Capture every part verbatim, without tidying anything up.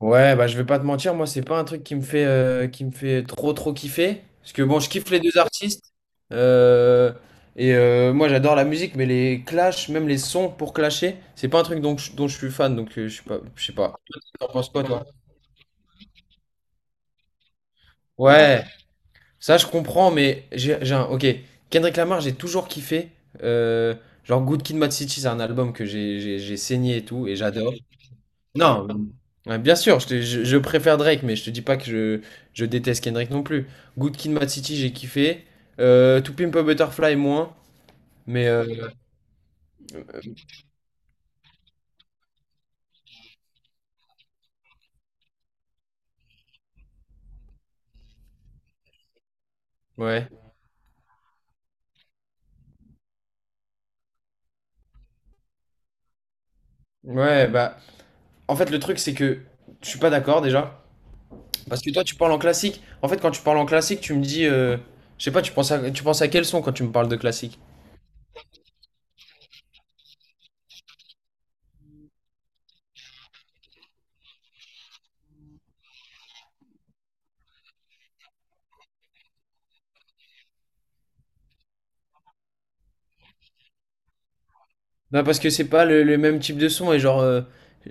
Ouais, bah je vais pas te mentir, moi c'est pas un truc qui me fait euh, qui me fait trop trop kiffer. Parce que bon, je kiffe les deux artistes. euh, et euh, moi j'adore la musique, mais les clashs, même les sons pour clasher, c'est pas un truc dont je, dont je suis fan, donc euh, je sais pas, je sais pas. T'en penses quoi toi? Ouais, ça je comprends, mais j'ai j'ai un. Ok. Kendrick Lamar, j'ai toujours kiffé. euh, genre Good Kid, Mad City, c'est un album que j'ai j'ai- j'ai saigné et tout, et j'adore. Non, ouais, bien sûr, je, te- je- je préfère Drake, mais je te dis pas que je, je déteste Kendrick non plus. Good Kid, Mad City, j'ai kiffé. Euh, To Pimp a Butterfly, moins. Mais euh, ouais. Ouais, bah. En fait, le truc, c'est que je suis pas d'accord déjà. Parce que toi, tu parles en classique. En fait, quand tu parles en classique, tu me dis, euh, je sais pas, tu penses à, tu penses à quel son quand tu me parles de classique? Bah parce que c'est pas le, le même type de son et genre. Euh,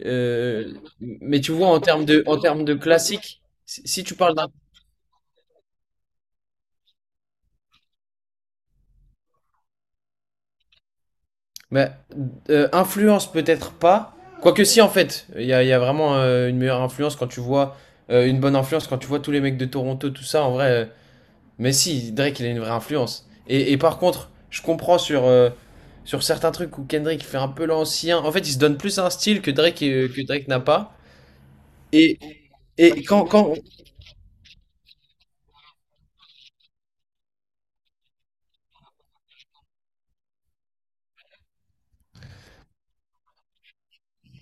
euh, mais tu vois, en termes de, en termes de classique, si si tu parles d'un. Bah, euh, influence peut-être pas. Quoique si en fait, il y a, il y a vraiment euh, une meilleure influence quand tu vois, euh, une bonne influence quand tu vois tous les mecs de Toronto, tout ça, en vrai. euh, mais si, Drake, il a une vraie influence. Et, et par contre, je comprends sur, euh, sur certains trucs où Kendrick fait un peu l'ancien. En fait, il se donne plus un style que Drake, euh, que Drake n'a pas. Et, et quand, quand,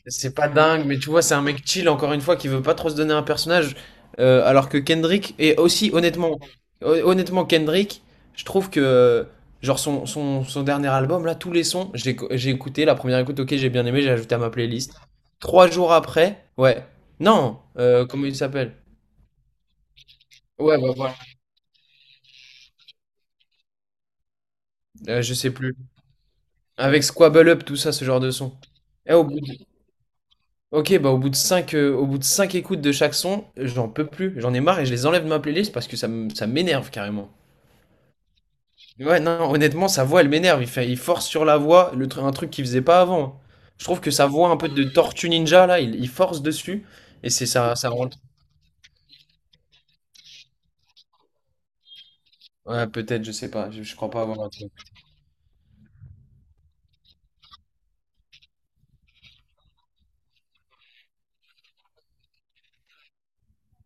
C'est pas dingue, mais tu vois, c'est un mec chill, encore une fois, qui veut pas trop se donner un personnage. euh, alors que Kendrick, et aussi, honnêtement, hon- honnêtement, Kendrick, je trouve que, genre, son, son, son dernier album, là, tous les sons, j'ai j'ai écouté, la première écoute, ok, j'ai bien aimé, j'ai ajouté à ma playlist. Trois jours après, ouais. Non, euh, comment il s'appelle? Ouais, bah voilà. Euh, je sais plus. Avec Squabble Up, tout ça, ce genre de son. Et au bout Ok, bah au bout de cinq, euh, au bout de cinq écoutes de chaque son, j'en peux plus, j'en ai marre et je les enlève de ma playlist parce que ça m- ça m'énerve carrément. Ouais, non, non, honnêtement, sa voix, elle m'énerve. Il fait, il force sur la voix, le tru- un truc qu'il faisait pas avant. Je trouve que sa voix un peu de Tortue Ninja, là, il, il force dessus et c'est ça, ça rentre. Ouais, peut-être, je sais pas, je, je crois pas avoir un truc.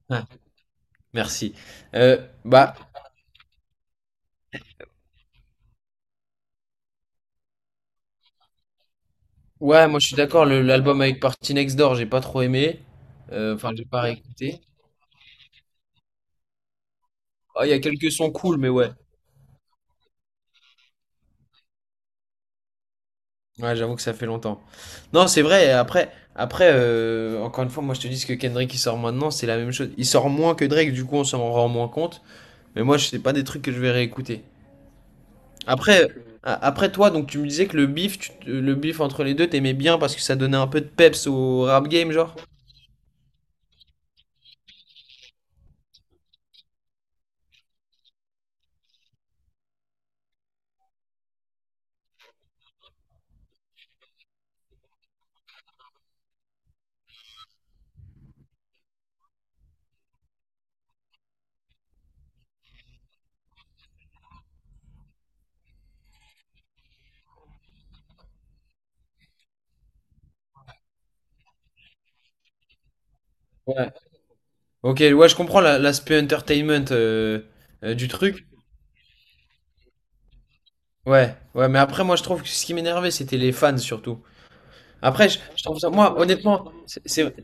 Ah, merci. Euh, bah, ouais, moi je suis d'accord, le- l'album avec Party Next Door, j'ai pas trop aimé. Euh, Enfin, j'ai pas réécouté. Ah, il y a quelques sons cool, mais ouais. Ouais, j'avoue que ça fait longtemps. Non, c'est vrai, après, après euh, encore une fois, moi je te dis ce que Kendrick il sort maintenant, c'est la même chose. Il sort moins que Drake, du coup on s'en rend moins compte. Mais moi, je sais pas des trucs que je vais réécouter. Après, a- après toi, donc tu me disais que le beef, tu- le beef entre les deux, t'aimais bien parce que ça donnait un peu de peps au rap game, genre? Ouais. Ok, ouais, je comprends la- l'aspect entertainment euh, euh, du truc. Ouais, ouais, mais après, moi je trouve que ce qui m'énervait, c'était les fans surtout. Après, je, je trouve ça, moi, honnêtement, c'est. c'est-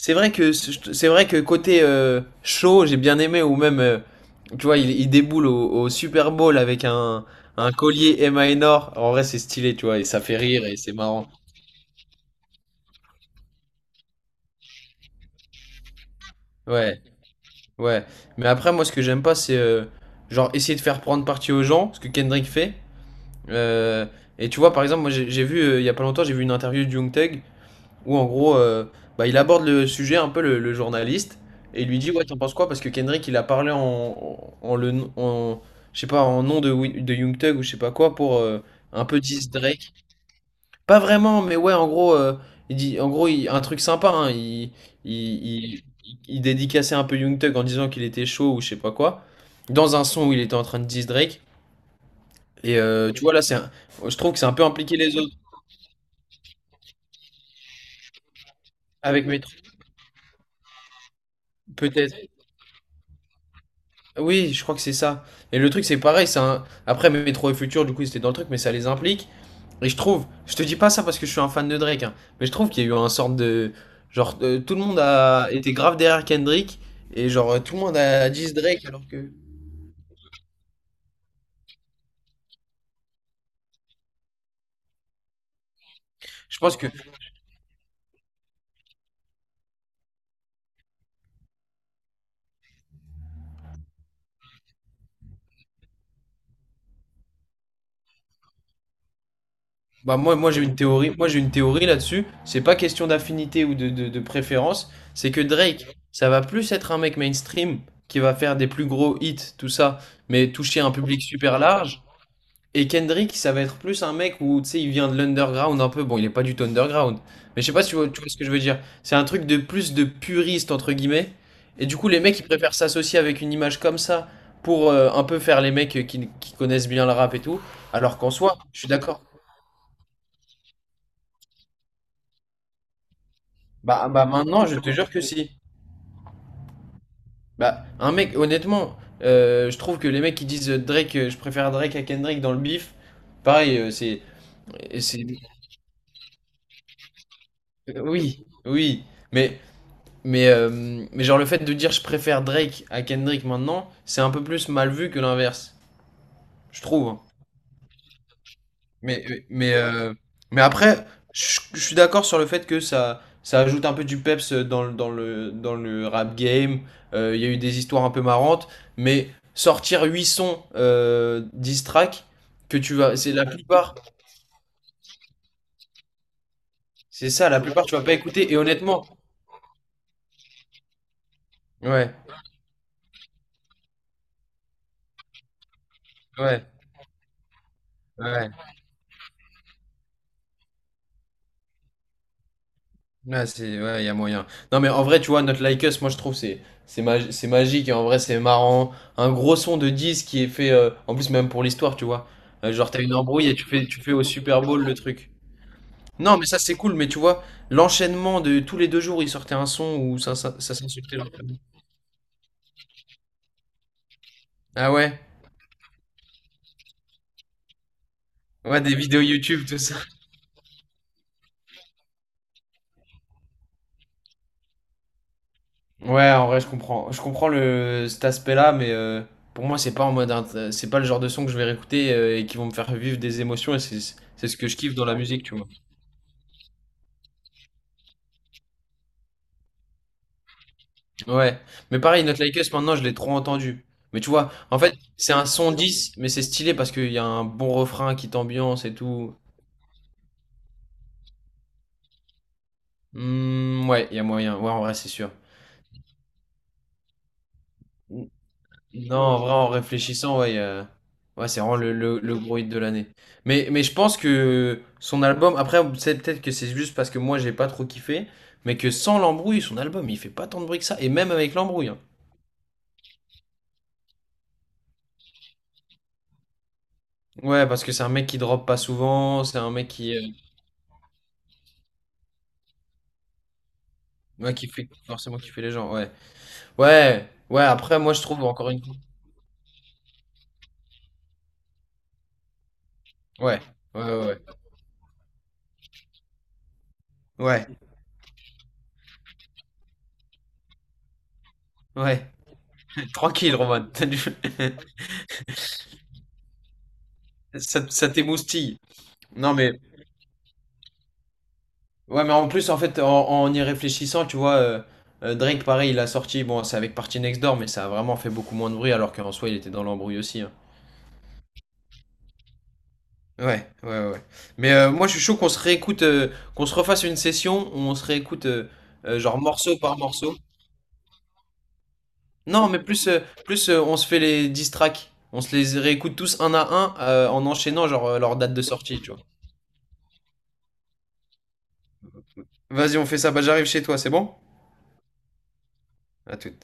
C'est vrai que c'est vrai que côté euh, show, j'ai bien aimé ou même euh, tu vois, il, il déboule au, au Super Bowl avec un un collier Emma Enor. En vrai, c'est stylé, tu vois, et ça fait rire et c'est marrant. Ouais, ouais. Mais après, moi, ce que j'aime pas, c'est euh, genre essayer de faire prendre parti aux gens, ce que Kendrick fait. Euh, et tu vois, par exemple, moi, j'ai j'ai vu euh, il y a pas longtemps, j'ai vu une interview de Young Thug où en gros, euh, bah, il aborde le sujet un peu le, le journaliste et il lui dit ouais t'en penses quoi parce que Kendrick il a parlé en, en, en le en- je sais pas en nom de Wi- de Young Thug ou je sais pas quoi pour euh, un peu diss Drake. Pas vraiment mais ouais en gros euh, il dit en gros il- un truc sympa hein, il, il, il, il dédicaçait un peu Young Thug en disant qu'il était chaud ou je sais pas quoi dans un son où il était en train de diss Drake et euh, tu vois là c'est un- je trouve que c'est un peu impliqué les autres avec Metro peut-être. Oui, je crois que c'est ça. Et le truc, c'est pareil, c'est un... Après, Métro et Futur, du coup, c'était dans le truc, mais ça les implique. Et je trouve, je te dis pas ça parce que je suis un fan de Drake, hein, mais je trouve qu'il y a eu un sorte de. Genre, euh, tout le monde a été grave derrière Kendrick, et genre, euh, tout le monde a dit Drake, alors que. Je pense que. Bah, moi, moi j'ai une théorie, moi, j'ai une théorie là-dessus. C'est pas question d'affinité ou de, de, de préférence, c'est que Drake, ça va plus être un mec mainstream qui va faire des plus gros hits, tout ça, mais toucher un public super large. Et Kendrick, ça va être plus un mec où, tu sais, il vient de l'underground un peu. Bon, il est pas du tout underground. Mais je sais pas si tu vois, tu vois ce que je veux dire. C'est un truc de plus de puriste, entre guillemets. Et du coup, les mecs, ils préfèrent s'associer avec une image comme ça pour euh, un peu faire les mecs qui, qui connaissent bien le rap et tout. Alors qu'en soi, je suis d'accord. Bah, bah maintenant, je te jure que si. Bah, un mec, honnêtement, euh, je trouve que les mecs qui disent euh, Drake, euh, je préfère Drake à Kendrick dans le bif, pareil, euh, c'est. Euh, c'est. Oui, oui. Mais. Mais, euh, mais genre le fait de dire je préfère Drake à Kendrick maintenant, c'est un peu plus mal vu que l'inverse, je trouve. Mais, mais, euh, mais après, je, je suis d'accord sur le fait que ça, ça ajoute un peu du peps dans, le- dans, le, dans le rap game. Euh, Il y a eu des histoires un peu marrantes, mais sortir huit sons euh, dix tracks, que tu vas, c'est la plupart, c'est ça, la plupart tu vas pas écouter. Et honnêtement, ouais, ouais, ouais. Ouais, c'est, ouais, il y a moyen. Non, mais en vrai, tu vois, notre Like Us, moi je trouve c'est c'est magi- c'est magique et en vrai, c'est marrant. Un gros son de dix qui est fait, euh, en plus, même pour l'histoire, tu vois. Euh, genre, t'as une embrouille et tu fais, tu fais au Super Bowl le truc. Non, mais ça, c'est cool, mais tu vois, l'enchaînement de tous les deux jours, ils sortaient un son où ça, ça, ça s'insultait leur famille. Ah ouais? Ouais, des vidéos YouTube, tout ça. Ouais, en vrai, je comprends. Je comprends le, cet aspect-là, mais euh, pour moi, c'est pas en mode, int- c'est pas le genre de son que je vais réécouter euh, et qui vont me faire vivre des émotions et c'est c'est ce que je kiffe dans la musique, tu vois. Ouais, mais pareil, Not Like Us, maintenant, je l'ai trop entendu. Mais tu vois, en fait, c'est un son dix, mais c'est stylé parce qu'il y a un bon refrain qui t'ambiance et tout. Hmm, ouais, il y a moyen. Ouais, en vrai, c'est sûr. N- Non, en vrai, en réfléchissant, ouais, y a- ouais, c'est vraiment le, le, le gros hit de l'année. Mais, mais je pense que son album, après, c'est peut-être que c'est juste parce que moi, j'ai pas trop kiffé, mais que sans l'embrouille, son album, il fait pas tant de bruit que ça, et même avec l'embrouille, hein. Ouais, parce que c'est un mec qui drop pas souvent, c'est un mec qui, euh, ouais, qui fait forcément kiffer les gens, ouais. Ouais, ouais, après, moi, je trouve encore une fois. Ouais, ouais, ouais, ouais, ouais. Tranquille, Roman. T'as du- Ça, ça t'émoustille. Non, mais, ouais, mais en plus, en fait, en, en y réfléchissant, tu vois, euh, euh, Drake, pareil, il a sorti, bon, c'est avec Party Next Door, mais ça a vraiment fait beaucoup moins de bruit, alors qu'en soi, il était dans l'embrouille aussi, hein. Ouais, ouais, ouais. Mais euh, moi, je suis chaud qu'on se réécoute, euh, qu'on se refasse une session où on se réécoute, euh, euh, genre morceau par morceau. Non, mais plus, euh, plus euh, on se fait les dix tracks. On se les réécoute tous un à un euh, en enchaînant genre euh, leur date de sortie, tu vois. Vas-y, on fait ça. Bah, j'arrive chez toi, c'est bon? À tout.